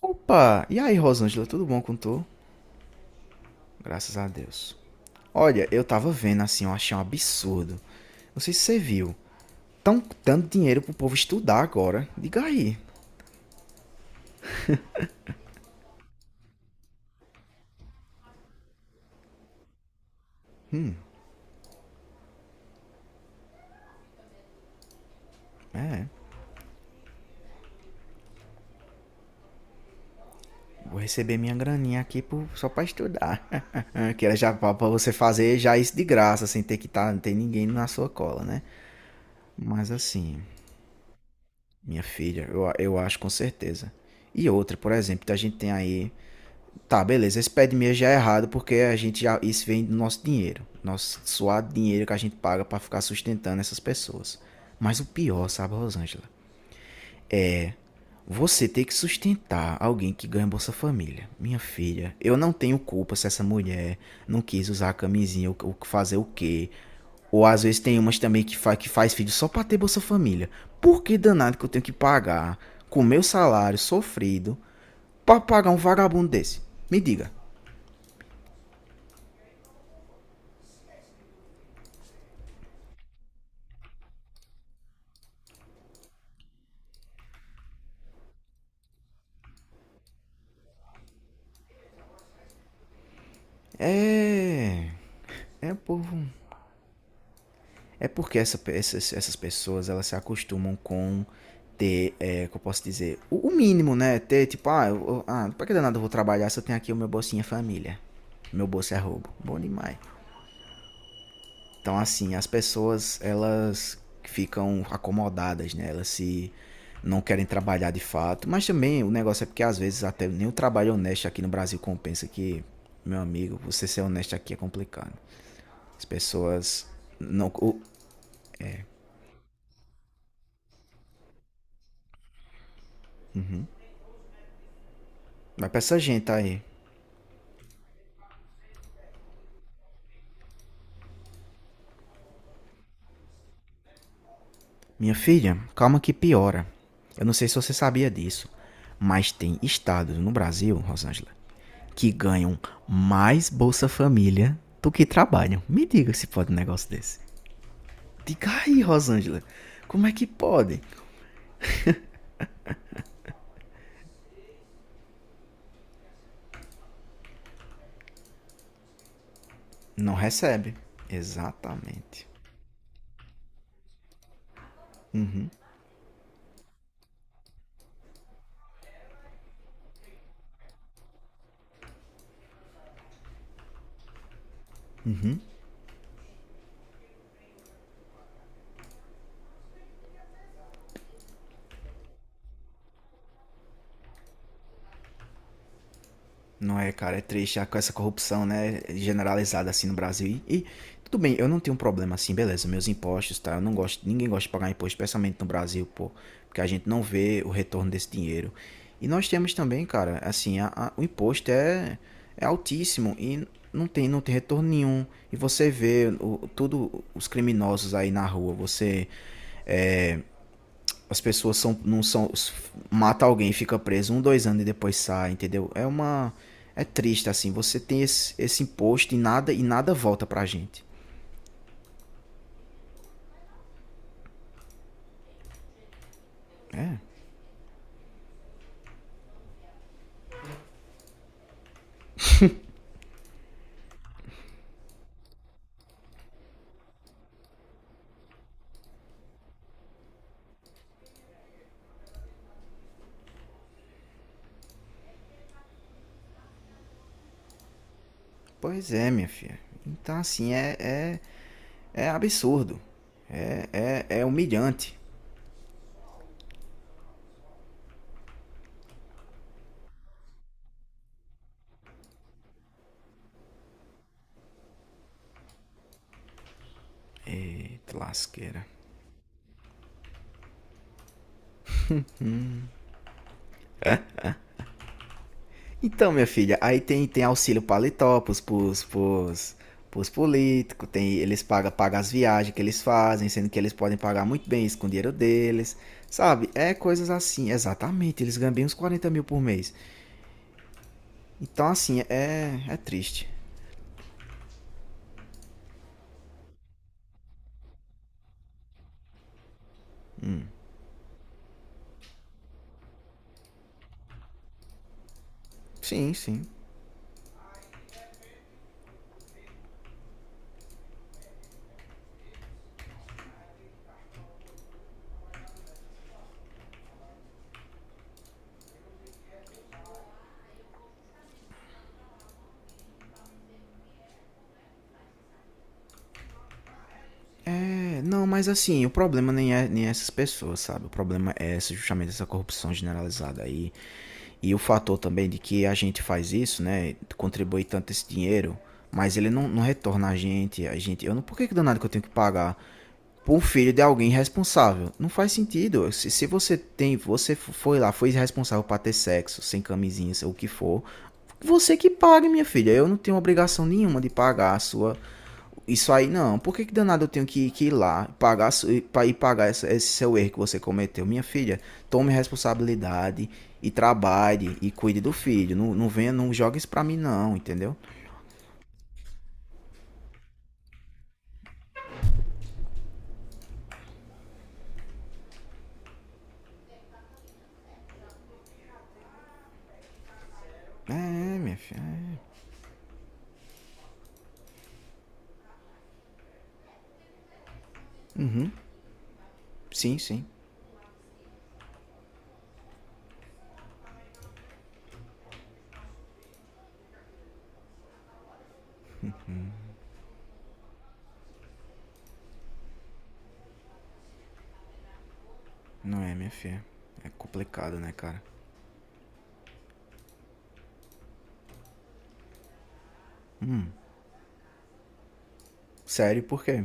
Opa! E aí, Rosângela, tudo bom com tu? Graças a Deus. Olha, eu tava vendo assim, eu achei um absurdo. Não sei se você viu. Tão dando dinheiro pro povo estudar agora. Diga aí. É, vou receber minha graninha aqui só pra estudar. Que era já pra você fazer já isso de graça, sem ter que tá, não ter ninguém na sua cola, né? Mas assim, minha filha, eu acho com certeza. E outra, por exemplo, a gente tem aí. Tá, beleza. Esse pé de meia já é errado, porque a gente já. Isso vem do nosso dinheiro. Nosso suado dinheiro que a gente paga pra ficar sustentando essas pessoas. Mas o pior, sabe, Rosângela? Você ter que sustentar alguém que ganha Bolsa Família. Minha filha, eu não tenho culpa se essa mulher não quis usar a camisinha ou fazer o quê. Ou às vezes tem umas também que, fa que faz filho só pra ter Bolsa Família. Por que danado que eu tenho que pagar com o meu salário sofrido pra pagar um vagabundo desse? Me diga. É. É, povo. É porque essas pessoas elas se acostumam com ter, que eu posso dizer, o mínimo, né? Ter tipo, ah, eu, ah, pra que danado eu vou trabalhar se eu tenho aqui o meu bolsinha família? Meu bolso é roubo. Bom demais. Então, assim, as pessoas elas ficam acomodadas, né? Elas se. Não querem trabalhar de fato, mas também o negócio é porque às vezes até nem o trabalho honesto aqui no Brasil compensa que, meu amigo, você ser honesto aqui é complicado. As pessoas não, vai pra essa gente aí. Minha filha, calma que piora. Eu não sei se você sabia disso, mas tem estados no Brasil, Rosângela, que ganham mais Bolsa Família do que trabalham. Me diga se pode um negócio desse. Diga aí, Rosângela, como é que pode? Não recebe. Exatamente. Não é, cara, é triste com essa corrupção, né, generalizada assim no Brasil. E tudo bem, eu não tenho um problema assim, beleza, meus impostos, tá? Eu não gosto, ninguém gosta de pagar imposto, especialmente no Brasil, pô, porque a gente não vê o retorno desse dinheiro. E nós temos também, cara, assim, o imposto é altíssimo e não tem retorno nenhum. E você vê o, tudo os criminosos aí na rua, você, as pessoas são, não são. Mata alguém, fica preso um, dois anos e depois sai, entendeu? É uma. É triste, assim. Você tem esse imposto e nada volta pra gente. É, pois é, minha filha. Então, assim, é absurdo. É, é humilhante. Eita lasqueira. Então, minha filha, aí tem auxílio paletó pros políticos, eles pagam as viagens que eles fazem, sendo que eles podem pagar muito bem isso com o dinheiro deles, sabe? É coisas assim, exatamente, eles ganham bem uns 40 mil por mês. Então, assim, é triste. Sim, sim. É, não, mas assim, o problema nem é essas pessoas, sabe? O problema é esse justamente essa corrupção generalizada aí. E o fator também de que a gente faz isso, né? Contribui tanto esse dinheiro, mas ele não retorna a gente. A gente. Eu não. Por que, que danado que eu tenho que pagar? Por um filho de alguém irresponsável. Não faz sentido. Se você tem. Você foi lá, foi irresponsável para ter sexo, sem camisinha, sei o que for. Você que pague, minha filha. Eu não tenho obrigação nenhuma de pagar a sua isso aí não. Por que, que danado eu tenho que ir lá pagar, ir pagar esse seu erro que você cometeu? Minha filha, tome responsabilidade e trabalhe e cuide do filho. Não, não venha, não jogue isso pra mim, não, entendeu? Minha filha. É. Sim, sim. Não é, minha filha. É complicado, né, cara? Sério, por quê?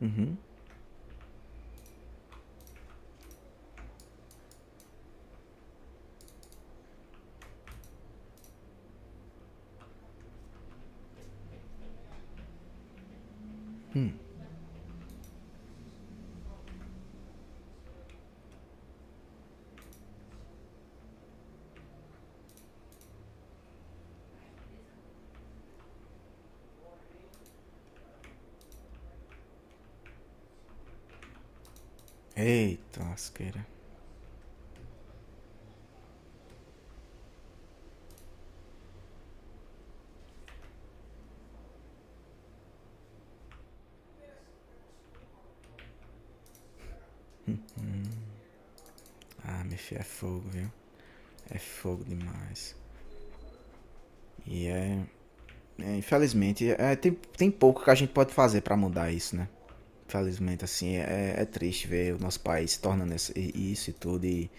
Uhum. Eita, lasqueira. Ah, minha filha, é fogo, viu? É fogo demais. E é. Infelizmente, tem pouco que a gente pode fazer pra mudar isso, né? Infelizmente, assim, é triste ver o nosso país se tornando isso e tudo. E,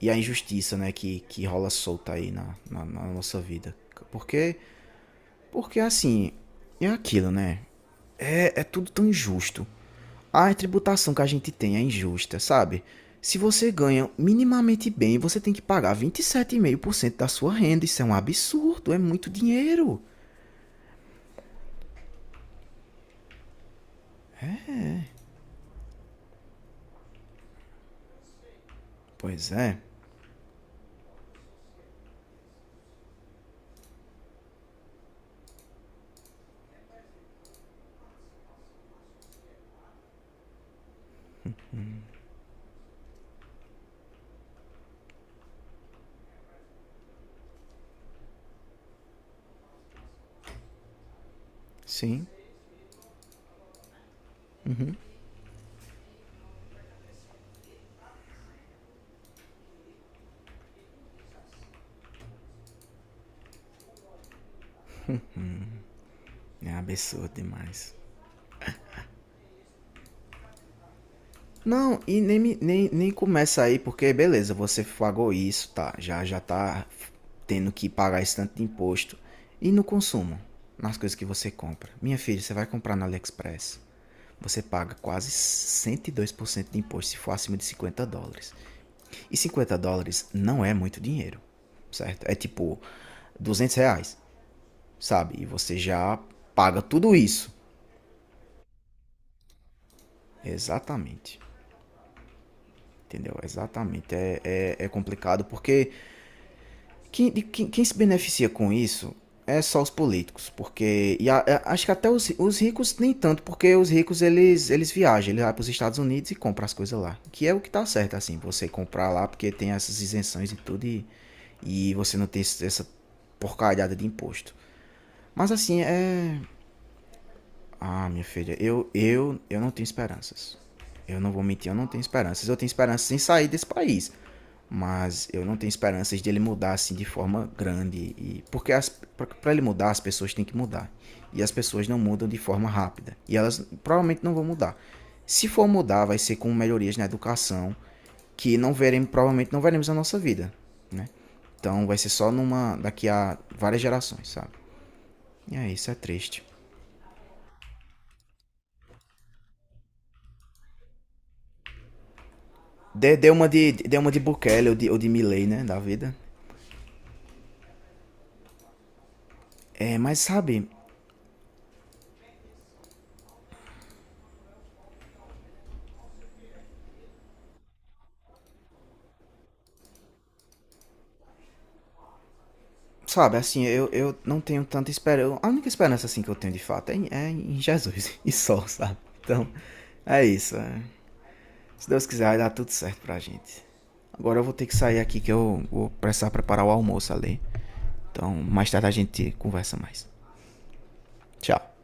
e a injustiça, né, que rola solta aí na nossa vida. Porque, porque assim, é aquilo, né? É tudo tão injusto. A tributação que a gente tem é injusta, sabe? Se você ganha minimamente bem, você tem que pagar 27,5% da sua renda. Isso é um absurdo, é muito dinheiro. Pois é, sim. É absurdo demais. Não, e nem, nem começa aí, porque beleza, você pagou isso, tá? Já tá tendo que pagar esse tanto de imposto. E no consumo, nas coisas que você compra. Minha filha, você vai comprar no AliExpress. Você paga quase 102% de imposto se for acima de US$ 50. E US$ 50 não é muito dinheiro, certo? É tipo R$ 200, sabe? E você já paga tudo isso. Exatamente. Entendeu? Exatamente. É complicado porque quem se beneficia com isso é só os políticos, porque acho que até os ricos nem tanto, porque os ricos eles viajam, eles vão para os Estados Unidos e compram as coisas lá, que é o que tá certo assim, você comprar lá porque tem essas isenções e tudo e você não tem essa porcalhada de imposto. Mas assim é, ah, minha filha, eu não tenho esperanças. Eu não vou mentir, eu não tenho esperanças. Eu tenho esperanças em sair desse país, mas eu não tenho esperanças de ele mudar assim de forma grande. E porque para ele mudar as pessoas têm que mudar, e as pessoas não mudam de forma rápida, e elas provavelmente não vão mudar. Se for mudar vai ser com melhorias na educação que não veremos, provavelmente não veremos na nossa vida, né? Então vai ser só numa, daqui a várias gerações, sabe. E é isso, é triste. Deu uma de Bukele ou de, Milley, né, da vida. É, mas sabe. Sabe, assim, eu não tenho tanta esperança. A única esperança, assim, que eu tenho de fato é em Jesus e só, sabe? Então, é isso. É. Se Deus quiser, vai dar tudo certo pra gente. Agora eu vou ter que sair aqui que eu vou precisar preparar o almoço ali. Então, mais tarde a gente conversa mais. Tchau.